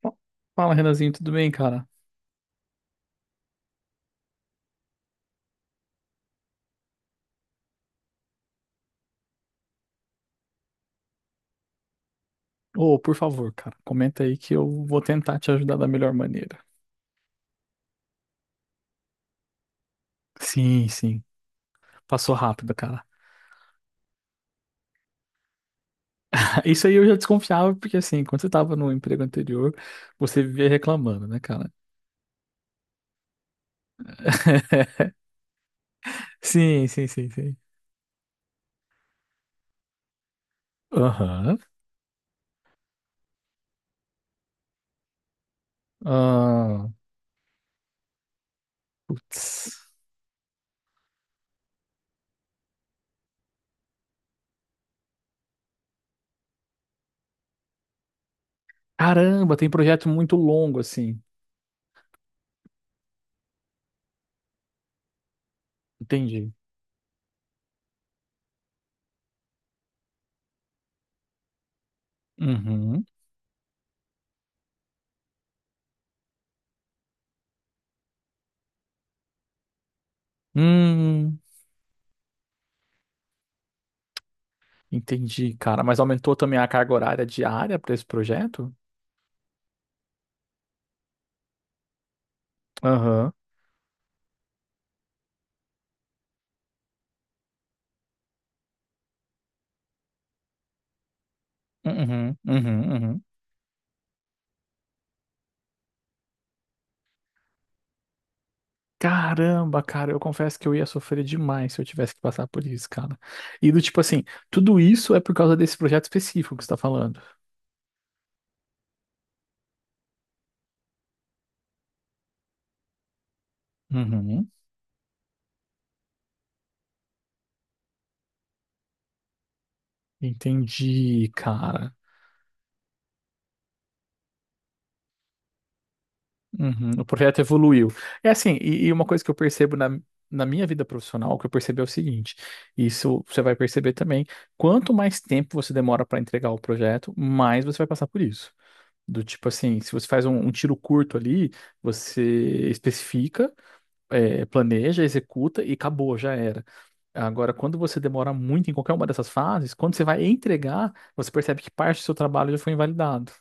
Fa- Fala, Renanzinho, tudo bem, cara? Ô, por favor, cara, comenta aí que eu vou tentar te ajudar da melhor maneira. Sim, sim. Passou rápido, cara. Isso aí eu já desconfiava, porque assim, quando você tava no emprego anterior, você vivia reclamando, né, cara? Sim, sim, sim, sim. Aham. Ah, putz. Caramba, tem projeto muito longo, assim. Entendi. Uhum. Hum. Entendi, cara. Mas aumentou também a carga horária diária para esse projeto? Aham. Uhum, uhum, uhum. Caramba, cara, eu confesso que eu ia sofrer demais se eu tivesse que passar por isso, cara. E do tipo assim, tudo isso é por causa desse projeto específico que você tá falando. Uhum. Entendi, cara. Uhum. O projeto evoluiu. É assim, e uma coisa que eu percebo na minha vida profissional, que eu percebo é o seguinte: isso você vai perceber também. Quanto mais tempo você demora para entregar o projeto, mais você vai passar por isso. Do tipo assim, se você faz um tiro curto ali, você especifica, planeja, executa e acabou, já era. Agora, quando você demora muito em qualquer uma dessas fases, quando você vai entregar, você percebe que parte do seu trabalho já foi invalidado.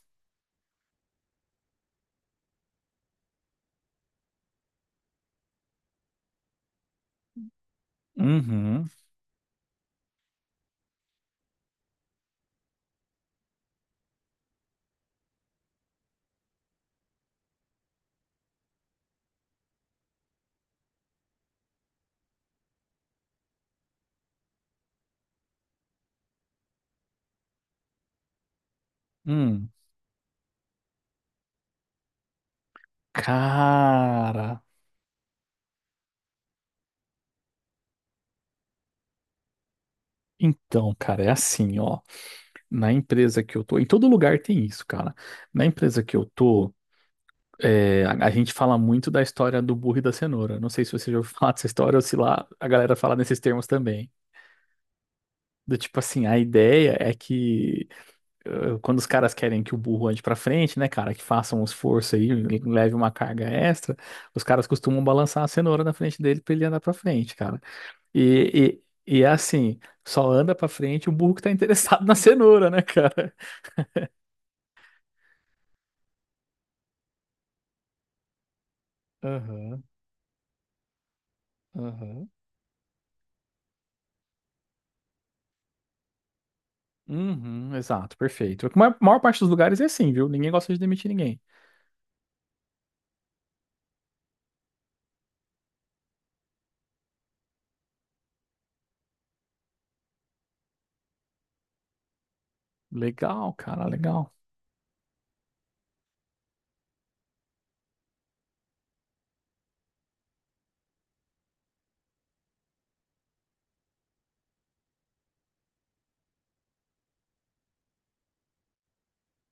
Uhum. Hum. Cara. Então, cara, é assim, ó. Na empresa que eu tô, em todo lugar tem isso, cara. Na empresa que eu tô, é, a gente fala muito da história do burro e da cenoura. Não sei se você já ouviu falar dessa história ou se lá a galera fala nesses termos também. Do tipo assim, a ideia é que quando os caras querem que o burro ande pra frente, né, cara, que façam um esforço aí, leve uma carga extra, os caras costumam balançar a cenoura na frente dele pra ele andar pra frente, cara. E, e é assim, só anda pra frente o burro que tá interessado na cenoura, né, cara? Aham, aham. Uhum, exato, perfeito. A maior parte dos lugares é assim, viu? Ninguém gosta de demitir ninguém. Legal, cara, legal.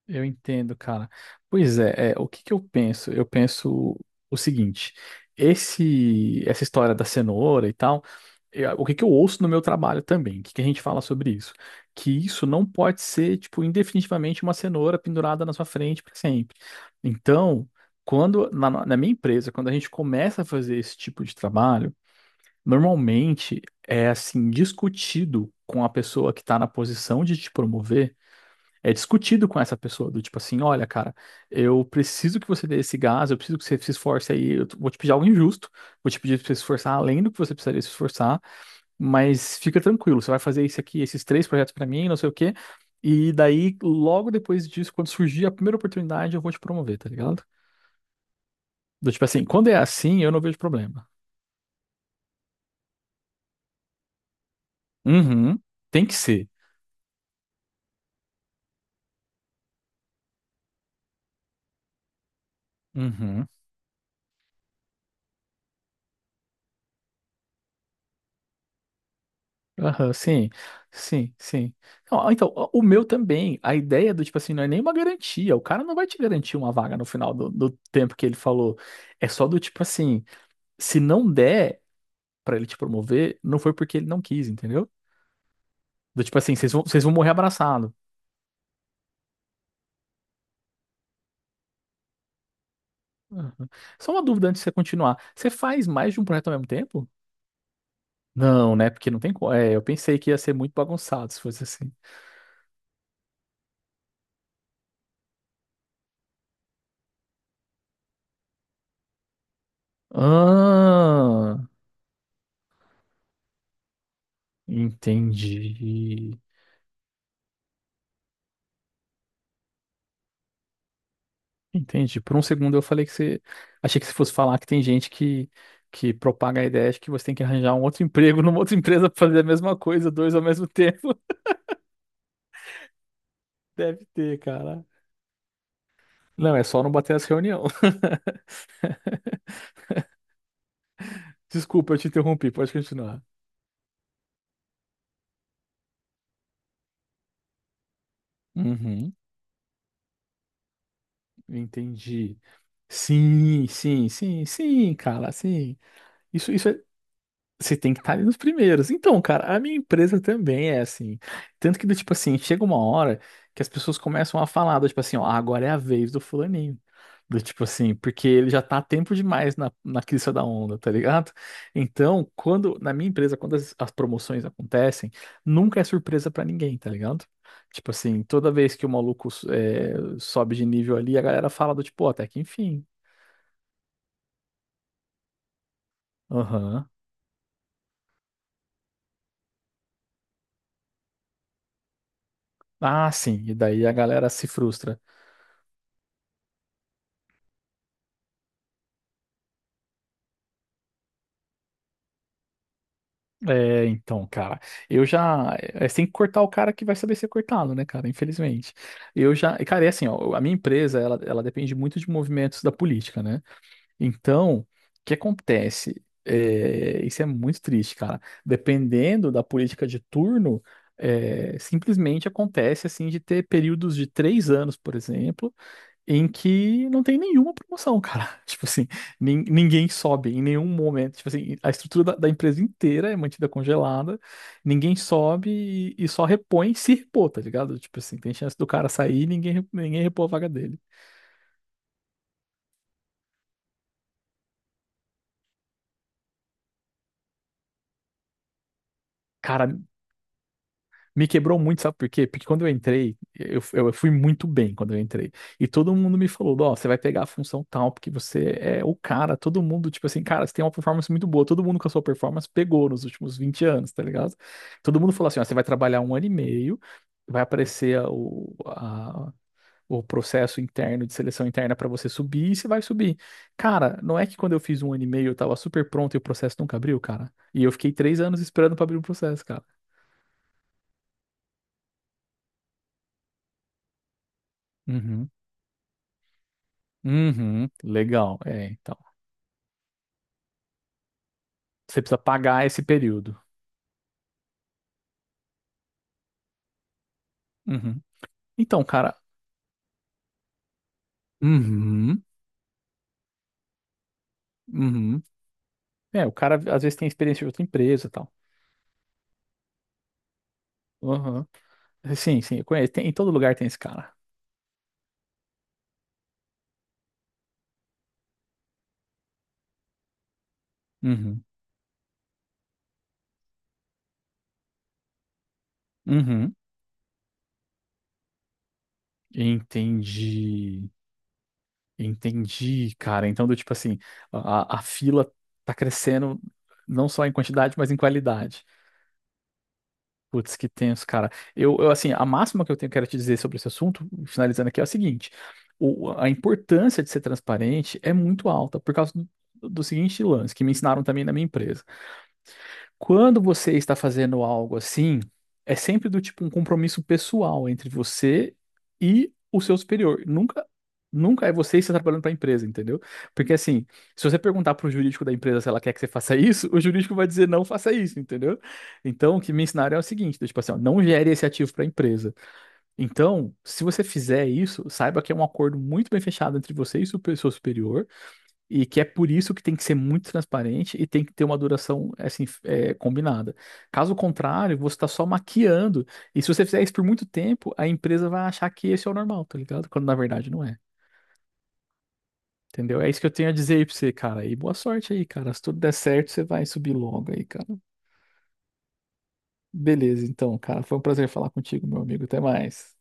Eu entendo, cara. Pois é, o que que eu penso? Eu penso o seguinte: essa história da cenoura e tal, o que que eu ouço no meu trabalho também? O que que a gente fala sobre isso? Que isso não pode ser, tipo, indefinitivamente uma cenoura pendurada na sua frente para sempre. Então, quando na minha empresa, quando a gente começa a fazer esse tipo de trabalho, normalmente é assim discutido com a pessoa que está na posição de te promover é discutido com essa pessoa, do tipo assim, olha, cara, eu preciso que você dê esse gás, eu preciso que você se esforce aí, vou te pedir algo injusto, vou te pedir pra você se esforçar além do que você precisaria se esforçar, mas fica tranquilo, você vai fazer isso aqui, esses três projetos pra mim, não sei o quê, e daí, logo depois disso, quando surgir a primeira oportunidade, eu vou te promover, tá ligado? Do tipo assim, quando é assim, eu não vejo problema. Uhum, tem que ser. Uhum. Aham, sim, sim, sim. Não, ah, então, o meu também, a ideia do tipo assim, não é nenhuma garantia, o cara não vai te garantir uma vaga no final do tempo que ele falou. É só do tipo assim, se não der pra ele te promover, não foi porque ele não quis, entendeu? Do tipo assim, vocês vão morrer abraçado. Aham. Só uma dúvida antes de você continuar. Você faz mais de um projeto ao mesmo tempo? Não, né? Porque não tem como. É, eu pensei que ia ser muito bagunçado se fosse assim. Ah, entendi. Entendi. Por um segundo eu falei que você. Achei que você fosse falar que tem gente que propaga a ideia de que você tem que arranjar um outro emprego numa outra empresa pra fazer a mesma coisa, dois ao mesmo tempo. Deve ter, cara. Não, é só não bater as reuniões. Desculpa, eu te interrompi, pode continuar. Uhum, entendi. Sim, sim, sim, sim, cara, sim. Isso é. Você tem que estar ali nos primeiros. Então, cara, a minha empresa também é assim. Tanto que, do tipo assim, chega uma hora que as pessoas começam a falar, do tipo assim, ó, agora é a vez do fulaninho. Do tipo assim, porque ele já tá há tempo demais na crista da onda, tá ligado? Então, quando, na minha empresa, quando as promoções acontecem, nunca é surpresa pra ninguém, tá ligado? Tipo assim, toda vez que o maluco sobe de nível ali, a galera fala do tipo, ó, até que enfim. Aham. Ah, sim. E daí a galera se frustra. É, então, cara, eu já. É, você tem que cortar o cara que vai saber ser cortado, né, cara? Infelizmente. Cara, é assim, ó, a minha empresa, ela depende muito de movimentos da política, né? Então, o que acontece? É, isso é muito triste, cara. Dependendo da política de turno, simplesmente acontece, assim, de ter períodos de 3 anos, por exemplo, em que não tem nenhuma promoção, cara. Tipo assim, ninguém sobe em nenhum momento. Tipo assim, a estrutura da empresa inteira é mantida congelada, ninguém sobe e só repõe se repor, tá ligado? Tipo assim, tem chance do cara sair e ninguém, ninguém repor a vaga dele. Cara, me quebrou muito, sabe por quê? Porque quando eu entrei, eu fui muito bem quando eu entrei. E todo mundo me falou, ó, você vai pegar a função tal, porque você é o cara. Todo mundo, tipo assim, cara, você tem uma performance muito boa. Todo mundo com a sua performance pegou nos últimos 20 anos, tá ligado? Todo mundo falou assim, ó, você vai trabalhar um ano e meio, vai aparecer o processo interno de seleção interna pra você subir e você vai subir. Cara, não é que quando eu fiz um ano e meio eu tava super pronto e o processo nunca abriu, cara? E eu fiquei 3 anos esperando pra abrir o processo, cara. Uhum. Uhum, legal. É, então. Você precisa pagar esse período. Uhum. Então, cara. Uhum, uhum. É, o cara às vezes tem experiência de outra empresa e tal. Uhum. Sim, sim, eu conheço. Em todo lugar tem esse cara. Uhum, uhum. Entendi. Entendi, cara. Então, do tipo assim, a fila tá crescendo não só em quantidade, mas em qualidade. Putz, que tenso, cara. Eu, assim, a máxima que eu tenho, quero te dizer sobre esse assunto, finalizando aqui, é o seguinte: a importância de ser transparente é muito alta por causa do seguinte lance, que me ensinaram também na minha empresa. Quando você está fazendo algo assim, é sempre do tipo um compromisso pessoal entre você e o seu superior. Nunca, nunca é você que está trabalhando para a empresa, entendeu? Porque assim, se você perguntar para o jurídico da empresa se ela quer que você faça isso, o jurídico vai dizer não faça isso, entendeu? Então, o que me ensinaram é o seguinte, do tipo assim, ó, não gere esse ativo para a empresa. Então, se você fizer isso, saiba que é um acordo muito bem fechado entre você e o seu superior. E que é por isso que tem que ser muito transparente e tem que ter uma duração assim combinada. Caso contrário, você está só maquiando. E se você fizer isso por muito tempo, a empresa vai achar que esse é o normal, tá ligado? Quando na verdade não é. Entendeu? É isso que eu tenho a dizer aí pra você, cara. E boa sorte aí, cara. Se tudo der certo, você vai subir logo aí, cara. Beleza, então, cara. Foi um prazer falar contigo, meu amigo. Até mais.